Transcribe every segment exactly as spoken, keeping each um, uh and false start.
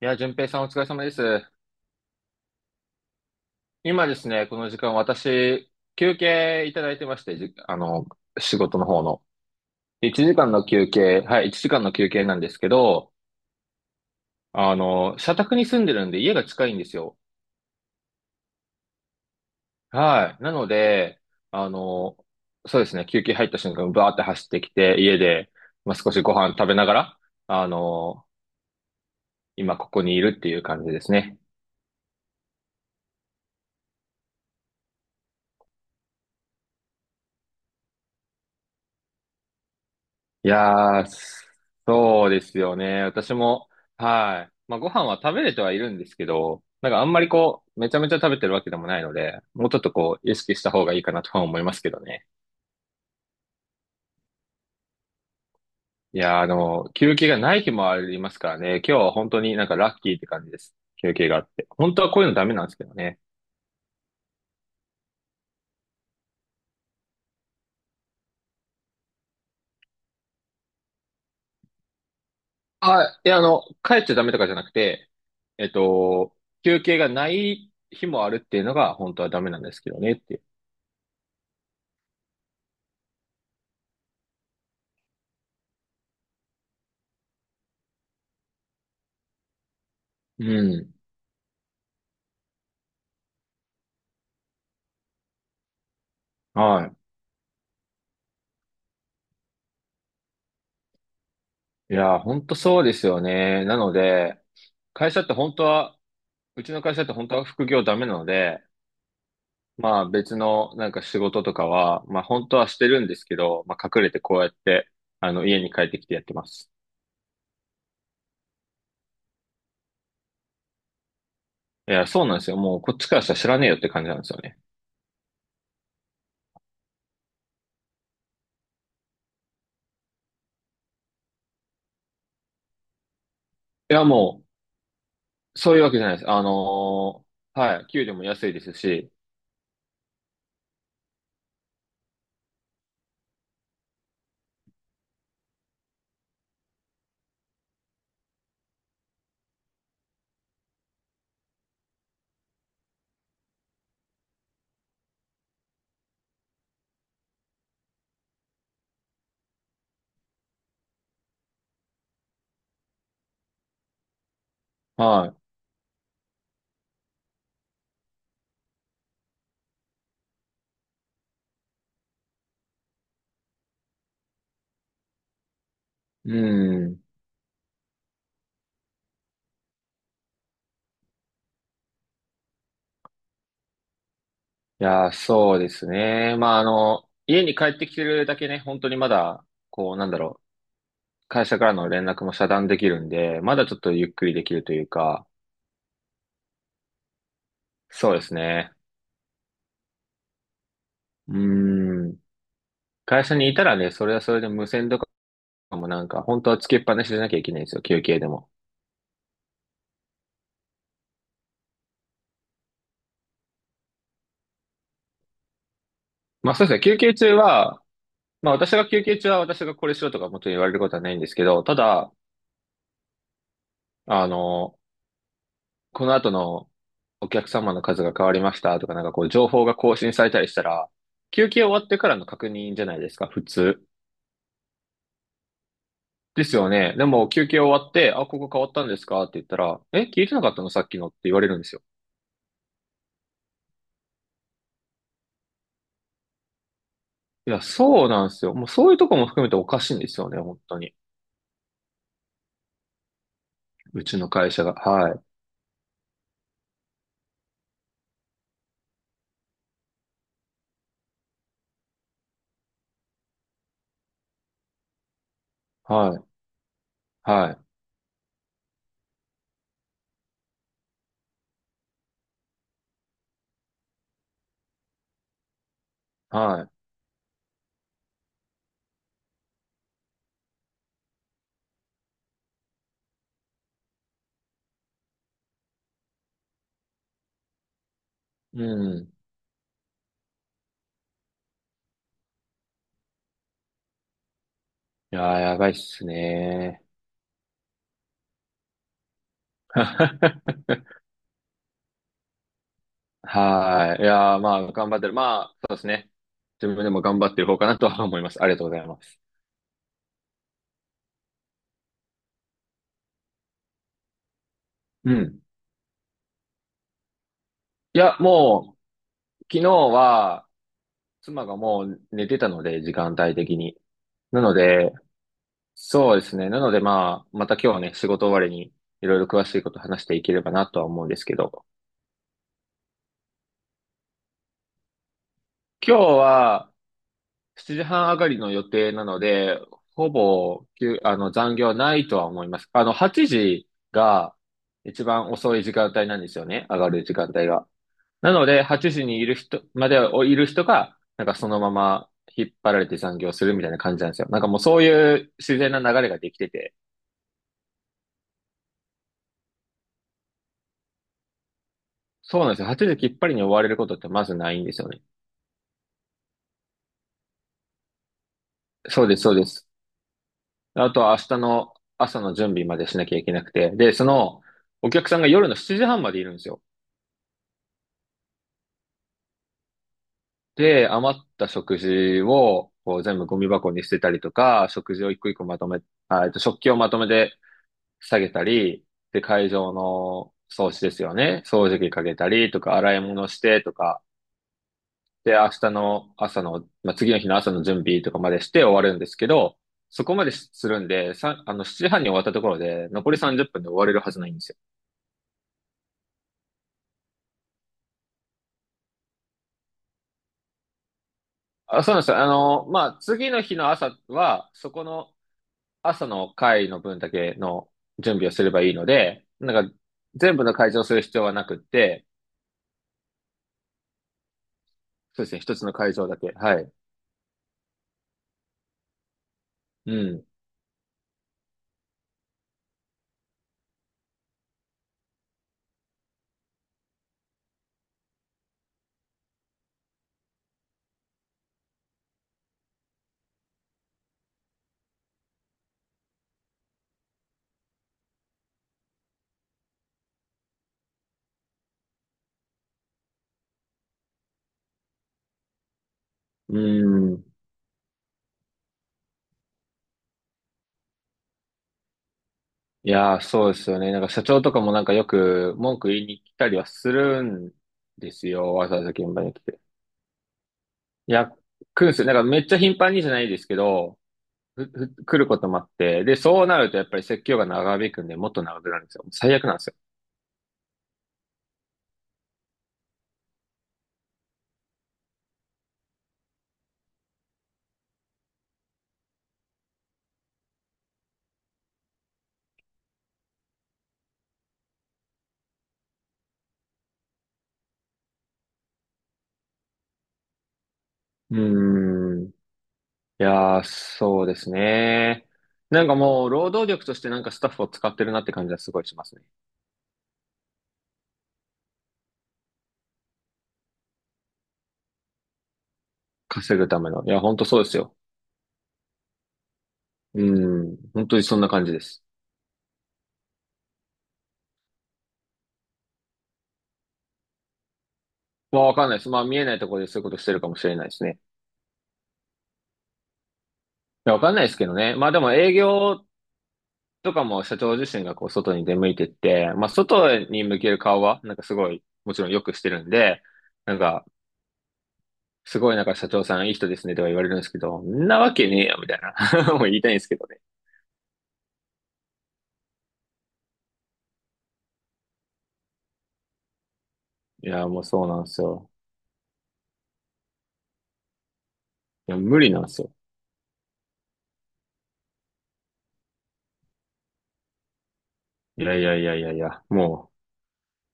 いや、淳平さんお疲れ様です。今ですね、この時間私、休憩いただいてまして、じ、あの、仕事の方の。いちじかんの休憩、はい、いちじかんの休憩なんですけど、あの、社宅に住んでるんで家が近いんですよ。はい。なので、あの、そうですね、休憩入った瞬間、バーって走ってきて、家で、まあ、少しご飯食べながら、あの、今ここにいるっていう感じですね。いやー、そうですよね。私も、はい。まあ、ご飯は食べれてはいるんですけど、なんかあんまりこう、めちゃめちゃ食べてるわけでもないので、もうちょっとこう、意識した方がいいかなとは思いますけどね。いやー、あの、休憩がない日もありますからね。今日は本当になんかラッキーって感じです。休憩があって。本当はこういうのダメなんですけどね。あ、いや、あの、帰っちゃダメとかじゃなくて、えっと、休憩がない日もあるっていうのが本当はダメなんですけどねっていう。うん。はい。いやー、ほんとそうですよね。なので、会社って本当は、うちの会社って本当は副業ダメなので、まあ別のなんか仕事とかは、まあ本当はしてるんですけど、まあ隠れてこうやって、あの家に帰ってきてやってます。いや、そうなんですよ。もうこっちからしたら知らねえよって感じなんですよね。いや、もう、そういうわけじゃないです。あのーはい、給料も安いですし、はい。うん。いや、そうですね。まああの、家に帰ってきてるだけね、本当にまだ、こう、なんだろう。会社からの連絡も遮断できるんで、まだちょっとゆっくりできるというか、そうですね。うーん。会社にいたらね、それはそれで無線とかもなんか、本当はつけっぱなしじゃなきゃいけないんですよ、休憩でも。まあそうですね、休憩中は、まあ私が休憩中は私がこれしろとかもちろん言われることはないんですけど、ただ、あの、この後のお客様の数が変わりましたとか、なんかこう情報が更新されたりしたら、休憩終わってからの確認じゃないですか、普通。ですよね。でも休憩終わって、あ、ここ変わったんですかって言ったら、え、聞いてなかったのさっきのって言われるんですよ。いや、そうなんですよ。もうそういうとこも含めておかしいんですよね、本当に。うちの会社が。はい。はい。はい。はい。うん。いやー、やばいっすね。はい。いやー、まあ、頑張ってる。まあ、そうですね。自分でも頑張ってる方かなとは思います。ありがとうございます。うん。いや、もう、昨日は、妻がもう寝てたので、時間帯的に。なので、そうですね。なのでまあ、また今日はね、仕事終わりにいろいろ詳しいこと話していければなとは思うんですけど、今日はしちじはん上がりの予定なので、ほぼ、きゅあの、残業はないとは思います。あの、はちじが一番遅い時間帯なんですよね。上がる時間帯が。なので、はちじにいる人、までいる人が、なんかそのまま引っ張られて残業するみたいな感じなんですよ。なんかもうそういう自然な流れができてて、そうなんですよ。はちじきっぱりに終われることってまずないんですよね。そうです、そうです。あとは明日の朝の準備までしなきゃいけなくて。で、その、お客さんが夜のしちじはんまでいるんですよ。で、余った食事をこう全部ゴミ箱に捨てたりとか、食事を一個一個まとめ、あ、えっと、食器をまとめて下げたり、で、会場の掃除ですよね。掃除機かけたりとか、洗い物してとか、で、明日の朝の、まあ、次の日の朝の準備とかまでして終わるんですけど、そこまでするんで、さ、あの、しちじはんに終わったところで、残りさんじゅっぷんで終われるはずないんですよ。あ、そうなんですよ。あの、まあ、次の日の朝は、そこの朝の会の分だけの準備をすればいいので、なんか、全部の会場をする必要はなくって、そうですね、一つの会場だけ。はい。うん。うん。いやー、そうですよね。なんか社長とかもなんかよく文句言いに来たりはするんですよ。わざわざ現場に来て。いや、来るんですよ。なんかめっちゃ頻繁にじゃないですけど、ふ、ふ、来ることもあって。で、そうなるとやっぱり説教が長引くんで、もっと長くなるんですよ。最悪なんですよ。うーん。いやー、そうですね。なんかもう、労働力としてなんかスタッフを使ってるなって感じはすごいしますね。稼ぐための。いや、ほんとそうですよ。うーん。本当にそんな感じです。まあ、わかんないです。まあ、見えないところでそういうことしてるかもしれないですね。や、わかんないですけどね。まあでも営業とかも社長自身がこう外に出向いてって、まあ外に向ける顔はなんかすごい、もちろんよくしてるんで、なんかすごいなんか社長さんいい人ですねとか言われるんですけど、んなわけねえよみたいな。もう言いたいんですけどね。いや、もうそうなんですよ。いや、無理なんですよ。いやいやいやいやいや、も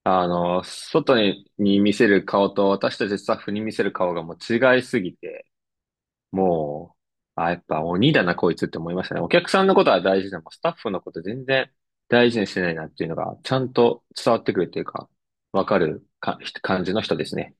う、あの、外に、に見せる顔と私たちスタッフに見せる顔がもう違いすぎて、もう、あ、やっぱ鬼だな、こいつって思いましたね。お客さんのことは大事でも、スタッフのこと全然大事にしてないなっていうのが、ちゃんと伝わってくるっていうか、わかるか、感じの人ですね。